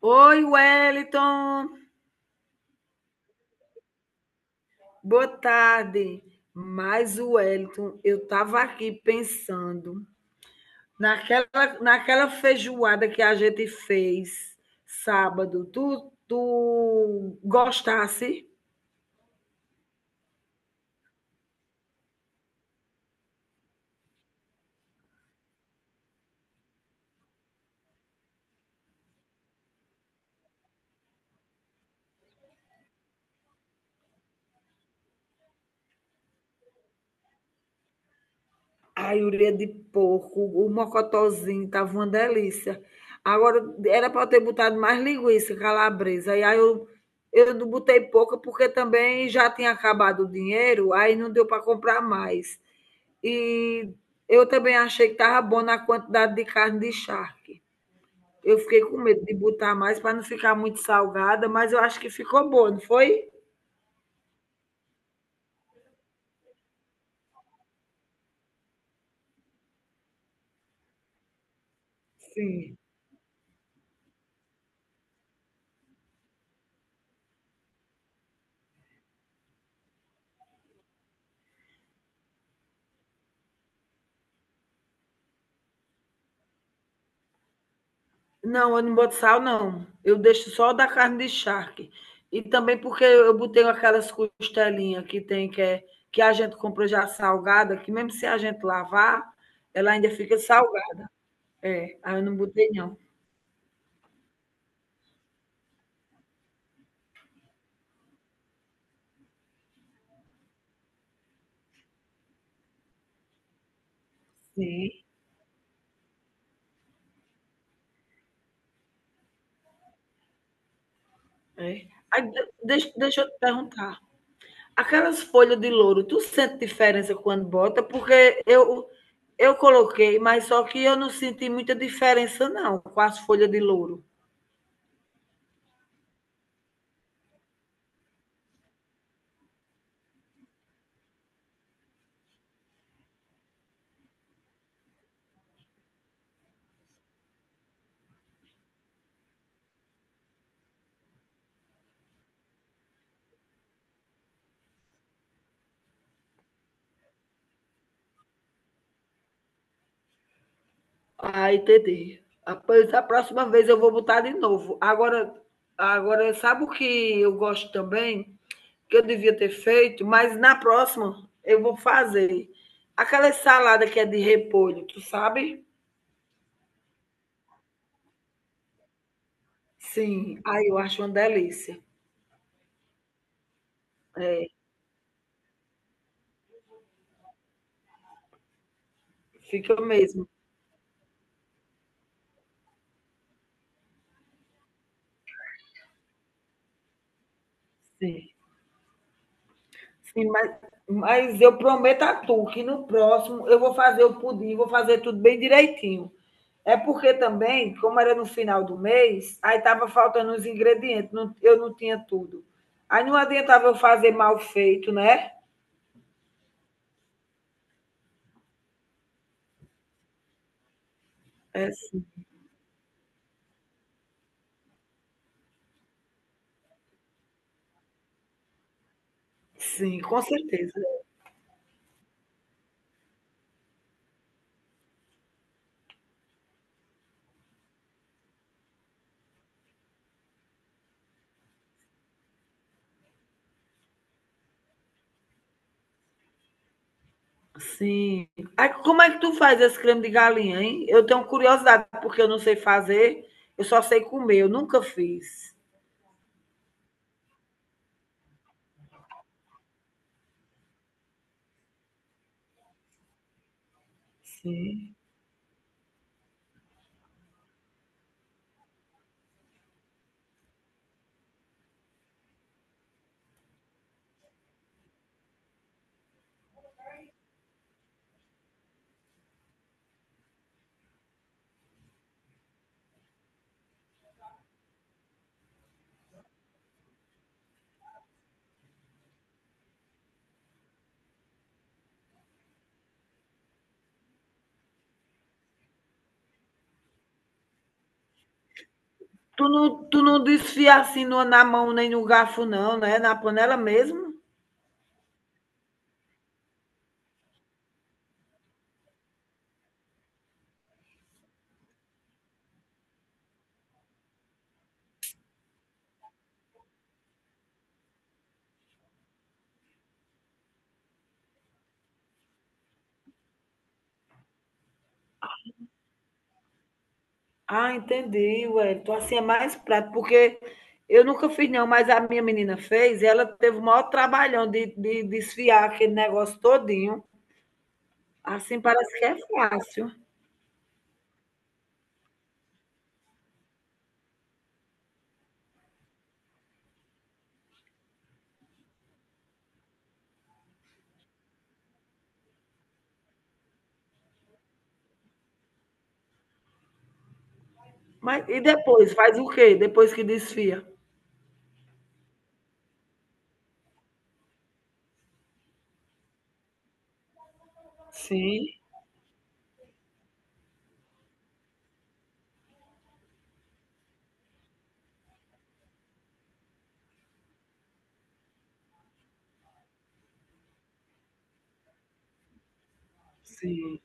Oi, Wellington. Boa tarde. Mas Wellington, eu estava aqui pensando naquela, naquela feijoada que a gente fez sábado. Tu gostasse? A ureia de porco, o mocotozinho, tava uma delícia. Agora, era para eu ter botado mais linguiça calabresa. Eu não botei pouca porque também já tinha acabado o dinheiro, aí não deu para comprar mais. E eu também achei que estava bom na quantidade de carne de charque. Eu fiquei com medo de botar mais para não ficar muito salgada, mas eu acho que ficou boa, não foi? Sim. Não, eu não boto sal, não. Eu deixo só da carne de charque. E também porque eu botei aquelas costelinhas que tem, que, é, que a gente compra já salgada, que mesmo se a gente lavar, ela ainda fica salgada. É, aí eu não botei, não. Sim. É. Deixa eu te perguntar. Aquelas folhas de louro, tu sente diferença quando bota? Eu coloquei, mas só que eu não senti muita diferença, não, com as folhas de louro. Ah, entendi. Após a próxima vez eu vou botar de novo. Agora, agora sabe o que eu gosto também? Que eu devia ter feito, mas na próxima eu vou fazer. Aquela salada que é de repolho, tu sabe? Sim. Aí eu acho uma delícia. É, fica mesmo. Sim. Sim, mas, mas eu prometo a tu que no próximo eu vou fazer o pudim, vou fazer tudo bem direitinho. É porque também, como era no final do mês, aí estava faltando os ingredientes, eu não tinha tudo. Aí não adiantava eu fazer mal feito, né? É, sim, sim, com certeza. Sim. Aí como é que tu faz esse creme de galinha, hein? Eu tenho curiosidade, porque eu não sei fazer, eu só sei comer, eu nunca fiz. Sim. Tu não desfia assim na mão nem no garfo, não, né? Na panela mesmo? Ah, entendi, ué. Então, assim é mais prático, porque eu nunca fiz, não, mas a minha menina fez e ela teve o maior trabalhão de desfiar aquele negócio todinho. Assim parece que é fácil. Mas e depois? Faz o quê? Depois que desfia? Sim, sim.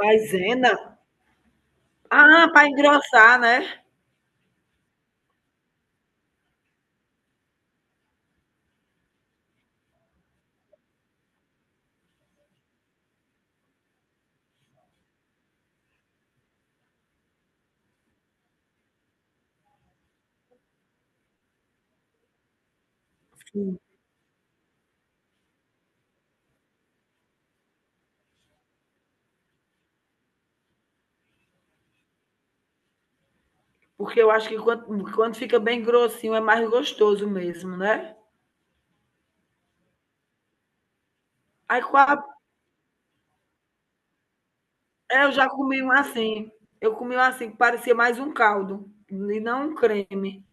Maisena? Ah, para engrossar, né? Sim. Porque eu acho que quando fica bem grossinho é mais gostoso mesmo, né? Aí com a- eu já comi um assim. Eu comi um assim, que parecia mais um caldo, e não um creme.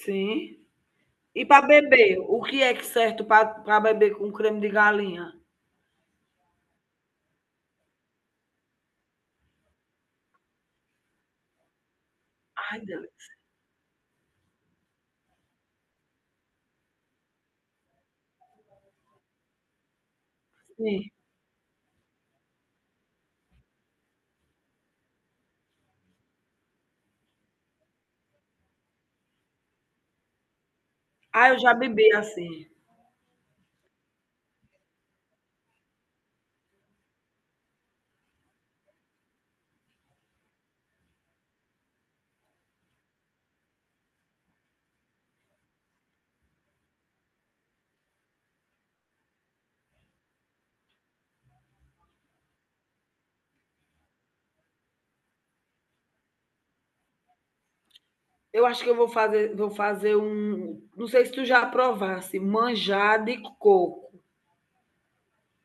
Sim. E para beber, o que é que certo para beber com creme de galinha? Ai, delícia. Sim. Ah, eu já bebi assim. Eu acho que eu vou fazer um. Não sei se tu já provasse, manjar de coco.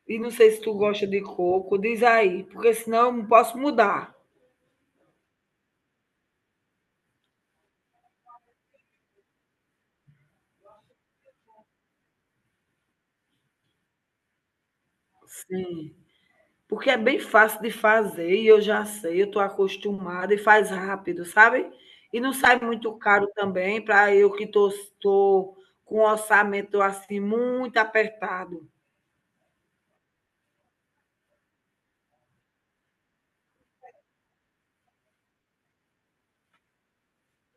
E não sei se tu gosta de coco, diz aí, porque senão eu não posso mudar. Sim. Porque é bem fácil de fazer e eu já sei, eu estou acostumada e faz rápido, sabe? E não sai muito caro também para eu que estou com um orçamento assim muito apertado.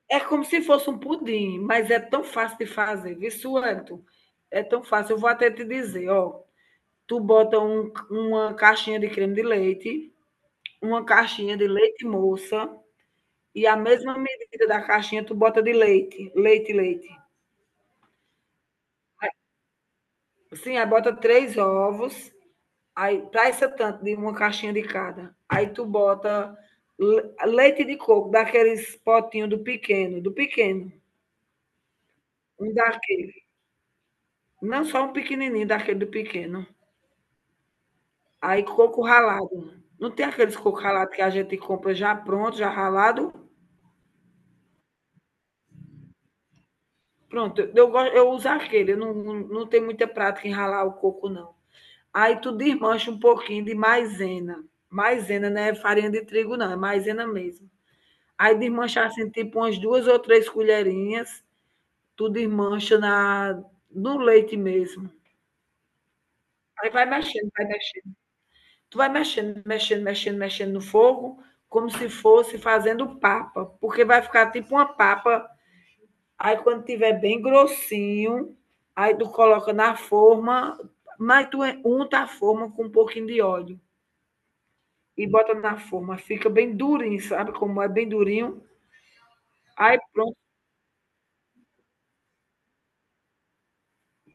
É como se fosse um pudim, mas é tão fácil de fazer, viu, Suanto? É tão fácil. Eu vou até te dizer, ó. Tu bota uma caixinha de creme de leite, uma caixinha de leite moça e a mesma medida da caixinha tu bota de leite, leite, leite. Sim, aí bota três ovos, aí para essa tanto de uma caixinha de cada. Aí tu bota leite de coco, daqueles potinhos do pequeno, um daquele. Não só um pequenininho, daquele do pequeno. Aí coco ralado. Não tem aqueles coco ralado que a gente compra já pronto, já ralado? Pronto, gosto, eu uso aquele, eu não tenho muita prática em ralar o coco, não. Aí tu desmancha um pouquinho de maisena. Maisena não é farinha de trigo, não, é maisena mesmo. Aí desmanchar assim, tipo umas duas ou três colherinhas, tu desmancha no leite mesmo. Aí vai mexendo, vai mexendo. Tu vai mexendo, mexendo, mexendo, mexendo no fogo, como se fosse fazendo papa, porque vai ficar tipo uma papa. Aí quando tiver bem grossinho, aí tu coloca na forma, mas tu é, unta a forma com um pouquinho de óleo e bota na forma. Fica bem durinho, sabe como é bem durinho? Aí pronto.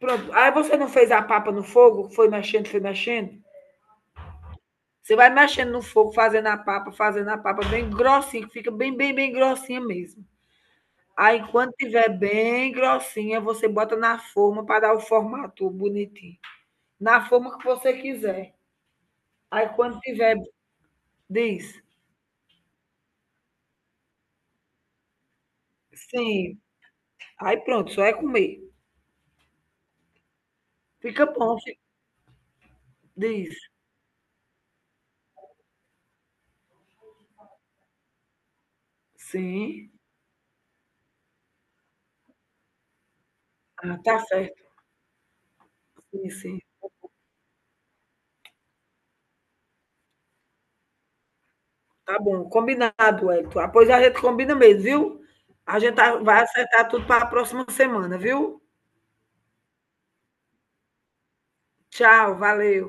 Pronto. Aí você não fez a papa no fogo, foi mexendo, foi mexendo. Você vai mexendo no fogo, fazendo a papa bem grossinha, que fica bem, bem, bem grossinha mesmo. Aí, quando tiver bem grossinha, você bota na forma para dar o formato bonitinho. Na forma que você quiser. Aí, quando tiver, diz, sim. Aí, pronto, só é comer. Fica bom, fi- diz, sim. Ah, tá certo, sim, sim. Tá bom, combinado, Elton. Após a gente combina mesmo, viu? Vai acertar tudo para a próxima semana, viu? Tchau, valeu.